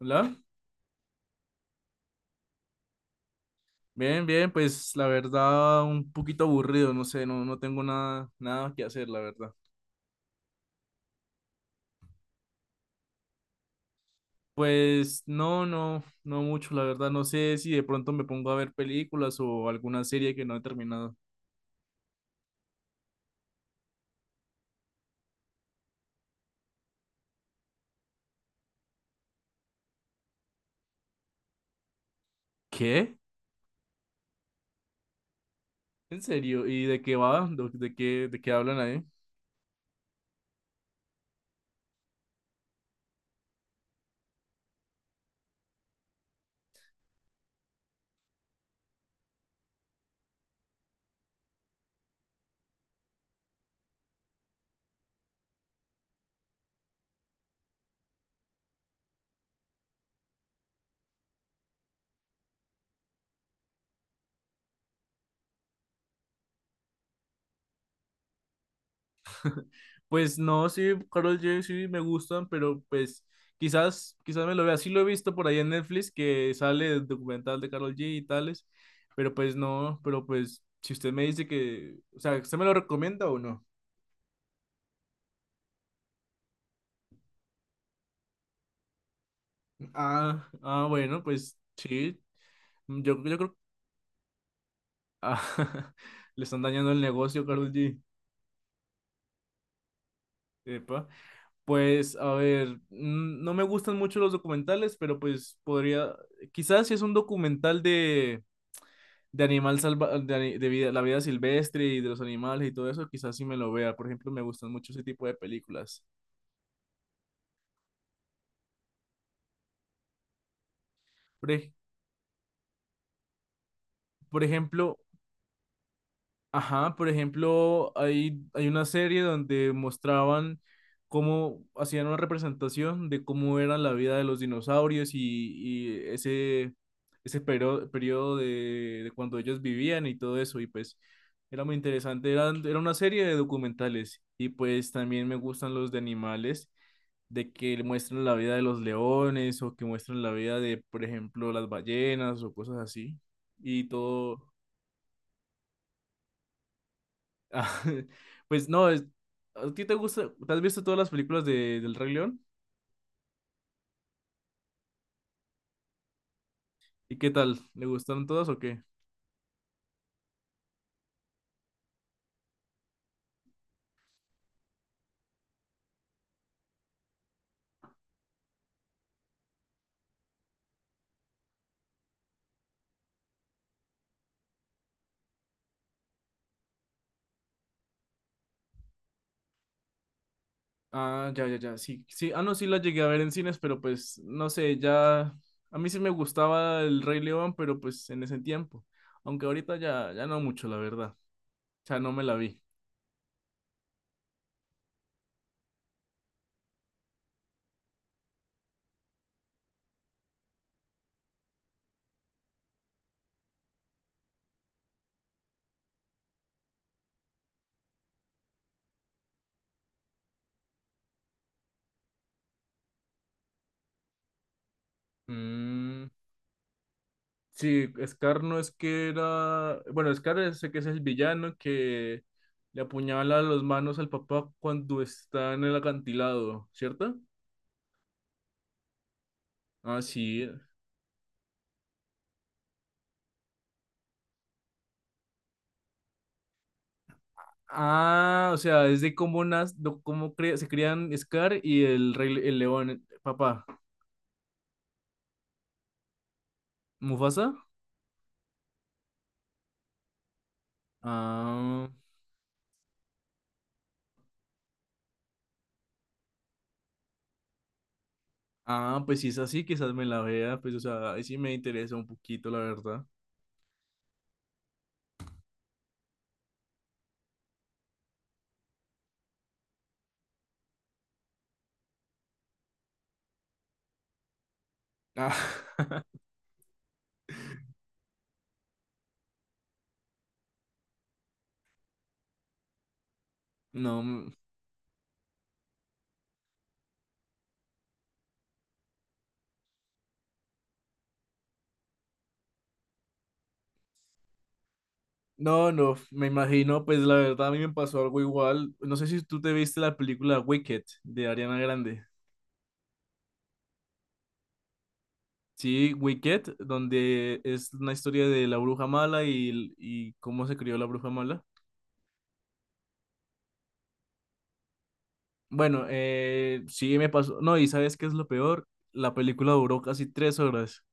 Hola, bien, bien, pues la verdad un poquito aburrido, no sé, no, no tengo nada, nada que hacer, la verdad. Pues no, no, no mucho, la verdad, no sé si de pronto me pongo a ver películas o alguna serie que no he terminado. ¿Qué? ¿En serio? ¿Y de qué va? ¿De qué hablan ahí? Pues no, sí, Carol G sí me gustan, pero pues quizás, quizás me lo vea. Sí lo he visto por ahí en Netflix que sale el documental de Carol G y tales, pero pues no, pero pues si usted me dice que, o sea, ¿usted me lo recomienda o no? Ah, ah, bueno, pues sí, yo creo que le están dañando el negocio, Carol G. Epa. Pues a ver, no me gustan mucho los documentales, pero pues podría, quizás si es un documental de animal salva, de, ani- de vida- la vida silvestre y de los animales y todo eso, quizás sí me lo vea. Por ejemplo, me gustan mucho ese tipo de películas. Por, ej- por ejemplo, ajá, por ejemplo, hay una serie donde mostraban cómo hacían una representación de cómo era la vida de los dinosaurios y ese periodo, periodo de cuando ellos vivían y todo eso. Y pues era muy interesante. Era una serie de documentales. Y pues también me gustan los de animales. De que le muestran la vida de los leones o que muestran la vida de, por ejemplo, las ballenas o cosas así. Y todo. Ah, pues no, ¿a ti te gusta? ¿Te has visto todas las películas del Rey León? ¿Y qué tal? ¿Le gustaron todas o qué? Ah, ya, ya, ya, sí, sí, ah, no, sí la llegué a ver en cines, pero pues, no sé, ya, a mí sí me gustaba el Rey León, pero pues en ese tiempo, aunque ahorita ya, ya no mucho, la verdad, o sea, no me la vi. Mm. Sí, Scar no es que era. Bueno, Scar sé que es el villano que le apuñala las manos al papá cuando está en el acantilado, ¿cierto? Ah, sí. Ah, o sea, es de cómo se crían Scar y el rey el león. Papá. ¿Mufasa? Ah, ah, pues si es así, quizás me la vea. Pues, o sea, ahí sí me interesa un poquito, la verdad. Ah, no. No, no, me imagino, pues la verdad a mí me pasó algo igual. No sé si tú te viste la película Wicked de Ariana Grande. Sí, Wicked, donde es una historia de la bruja mala y cómo se crió la bruja mala. Bueno, sí me pasó. No, y ¿sabes qué es lo peor? La película duró casi 3 horas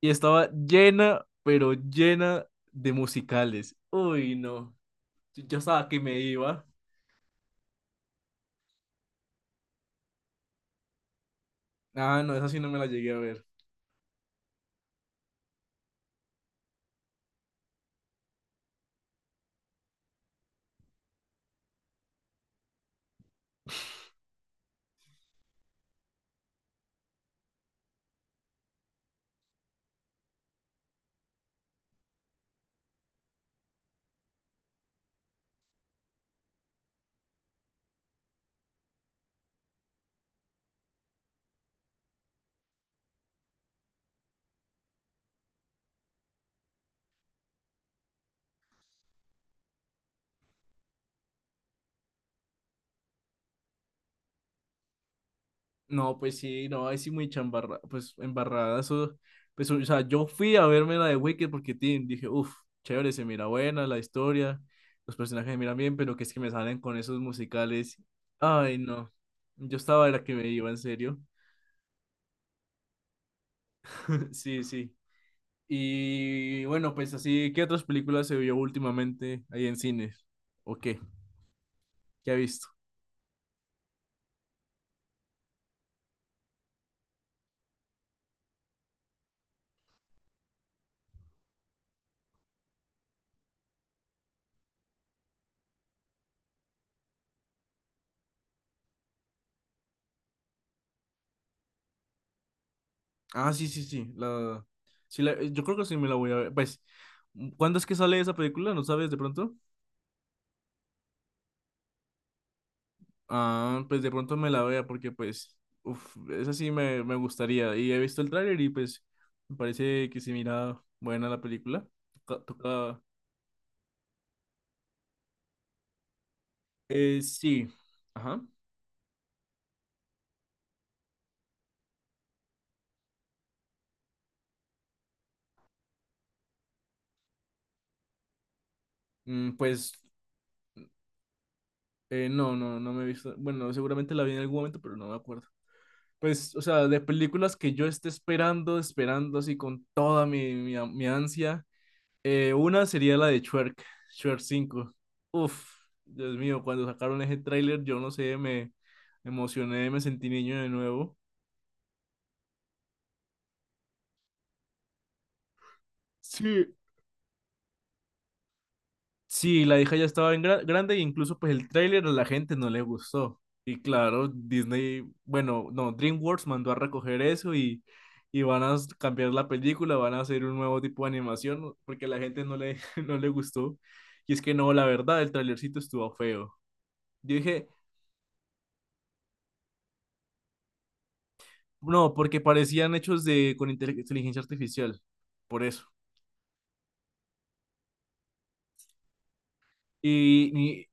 y estaba llena, pero llena de musicales. Uy, no, yo estaba que me iba. Ah, no, esa sí no me la llegué a ver. No, pues sí, no, ahí sí muy chambarra, pues embarrada, eso, pues, o sea, yo fui a verme la de Wicked porque tin, dije, uff, chévere, se mira buena la historia, los personajes se miran bien, pero que es que me salen con esos musicales, ay, no, yo estaba era que me iba, en serio, sí, sí, y bueno, pues así, ¿qué otras películas se vio últimamente ahí en cines? ¿O qué? ¿Qué ha visto? Ah, sí, sí, sí, sí, yo creo que sí me la voy a ver, pues, ¿cuándo es que sale esa película? ¿No sabes de pronto? Ah, pues de pronto me la vea porque pues, uf, esa sí me gustaría. Y he visto el tráiler y pues me parece que se mira buena la película. Toca, sí, ajá. Pues no, no, no me he visto. Bueno, seguramente la vi en algún momento, pero no me acuerdo. Pues, o sea, de películas que yo esté esperando, esperando así con toda mi, mi, mi ansia. Una sería la de Shrek, Shrek 5. Uf, Dios mío, cuando sacaron ese tráiler, yo no sé, me emocioné, me sentí niño de nuevo. Sí. Sí, la hija ya estaba en grande e incluso pues el tráiler a la gente no le gustó. Y claro, Disney, bueno, no, DreamWorks mandó a recoger eso y van a cambiar la película, van a hacer un nuevo tipo de animación, ¿no?, porque a la gente no le, no le gustó. Y es que no, la verdad, el trailercito estuvo feo. Yo dije, no, porque parecían hechos de con inteligencia artificial, por eso. Y, y-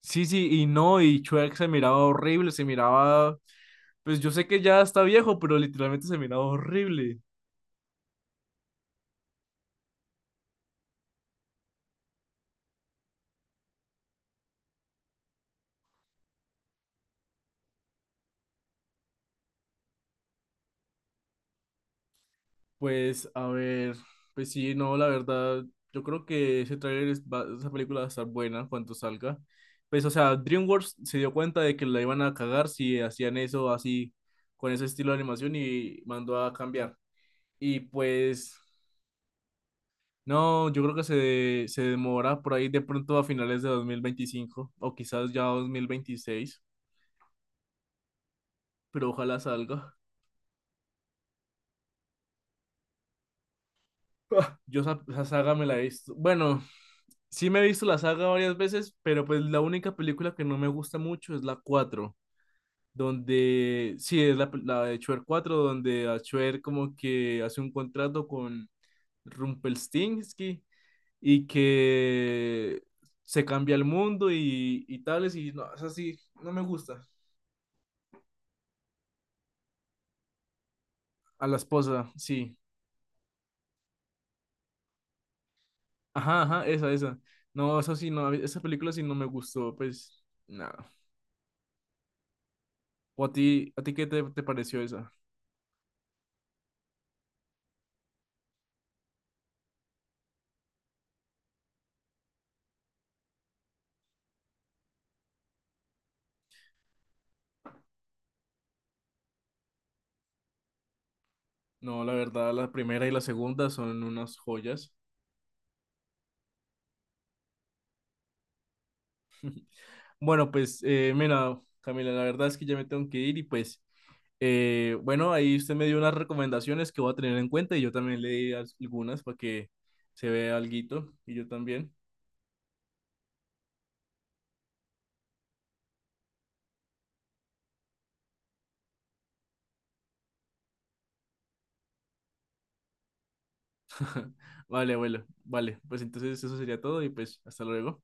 sí, sí, y no, y Shrek se miraba horrible, se miraba, pues yo sé que ya está viejo, pero literalmente se miraba horrible. Pues a ver, pues sí, no, la verdad, yo creo que ese tráiler, esa película va a estar buena cuando salga. Pues o sea, DreamWorks se dio cuenta de que la iban a cagar si hacían eso así, con ese estilo de animación y mandó a cambiar. Y pues no, yo creo que se demora por ahí de pronto a finales de 2025 o quizás ya 2026, pero ojalá salga. Ah, yo esa, saga me la he visto. Bueno, sí me he visto la saga varias veces, pero pues la única película que no me gusta mucho es la cuatro, donde sí es la de Shrek 4 donde a Shrek como que hace un contrato con Rumpelstiltskin y que se cambia el mundo y tales, y no, es así, no me gusta. A la esposa, sí. Ajá, ajá, esa, esa. No, eso sí, no, esa película sí no me gustó, pues, nada. ¿O a ti qué te pareció esa? No, la verdad, la primera y la segunda son unas joyas. Bueno, pues, mira, Camila, la verdad es que ya me tengo que ir y pues, bueno, ahí usted me dio unas recomendaciones que voy a tener en cuenta y yo también le di algunas para que se vea alguito y yo también. Vale, bueno, vale, pues entonces eso sería todo y pues, hasta luego.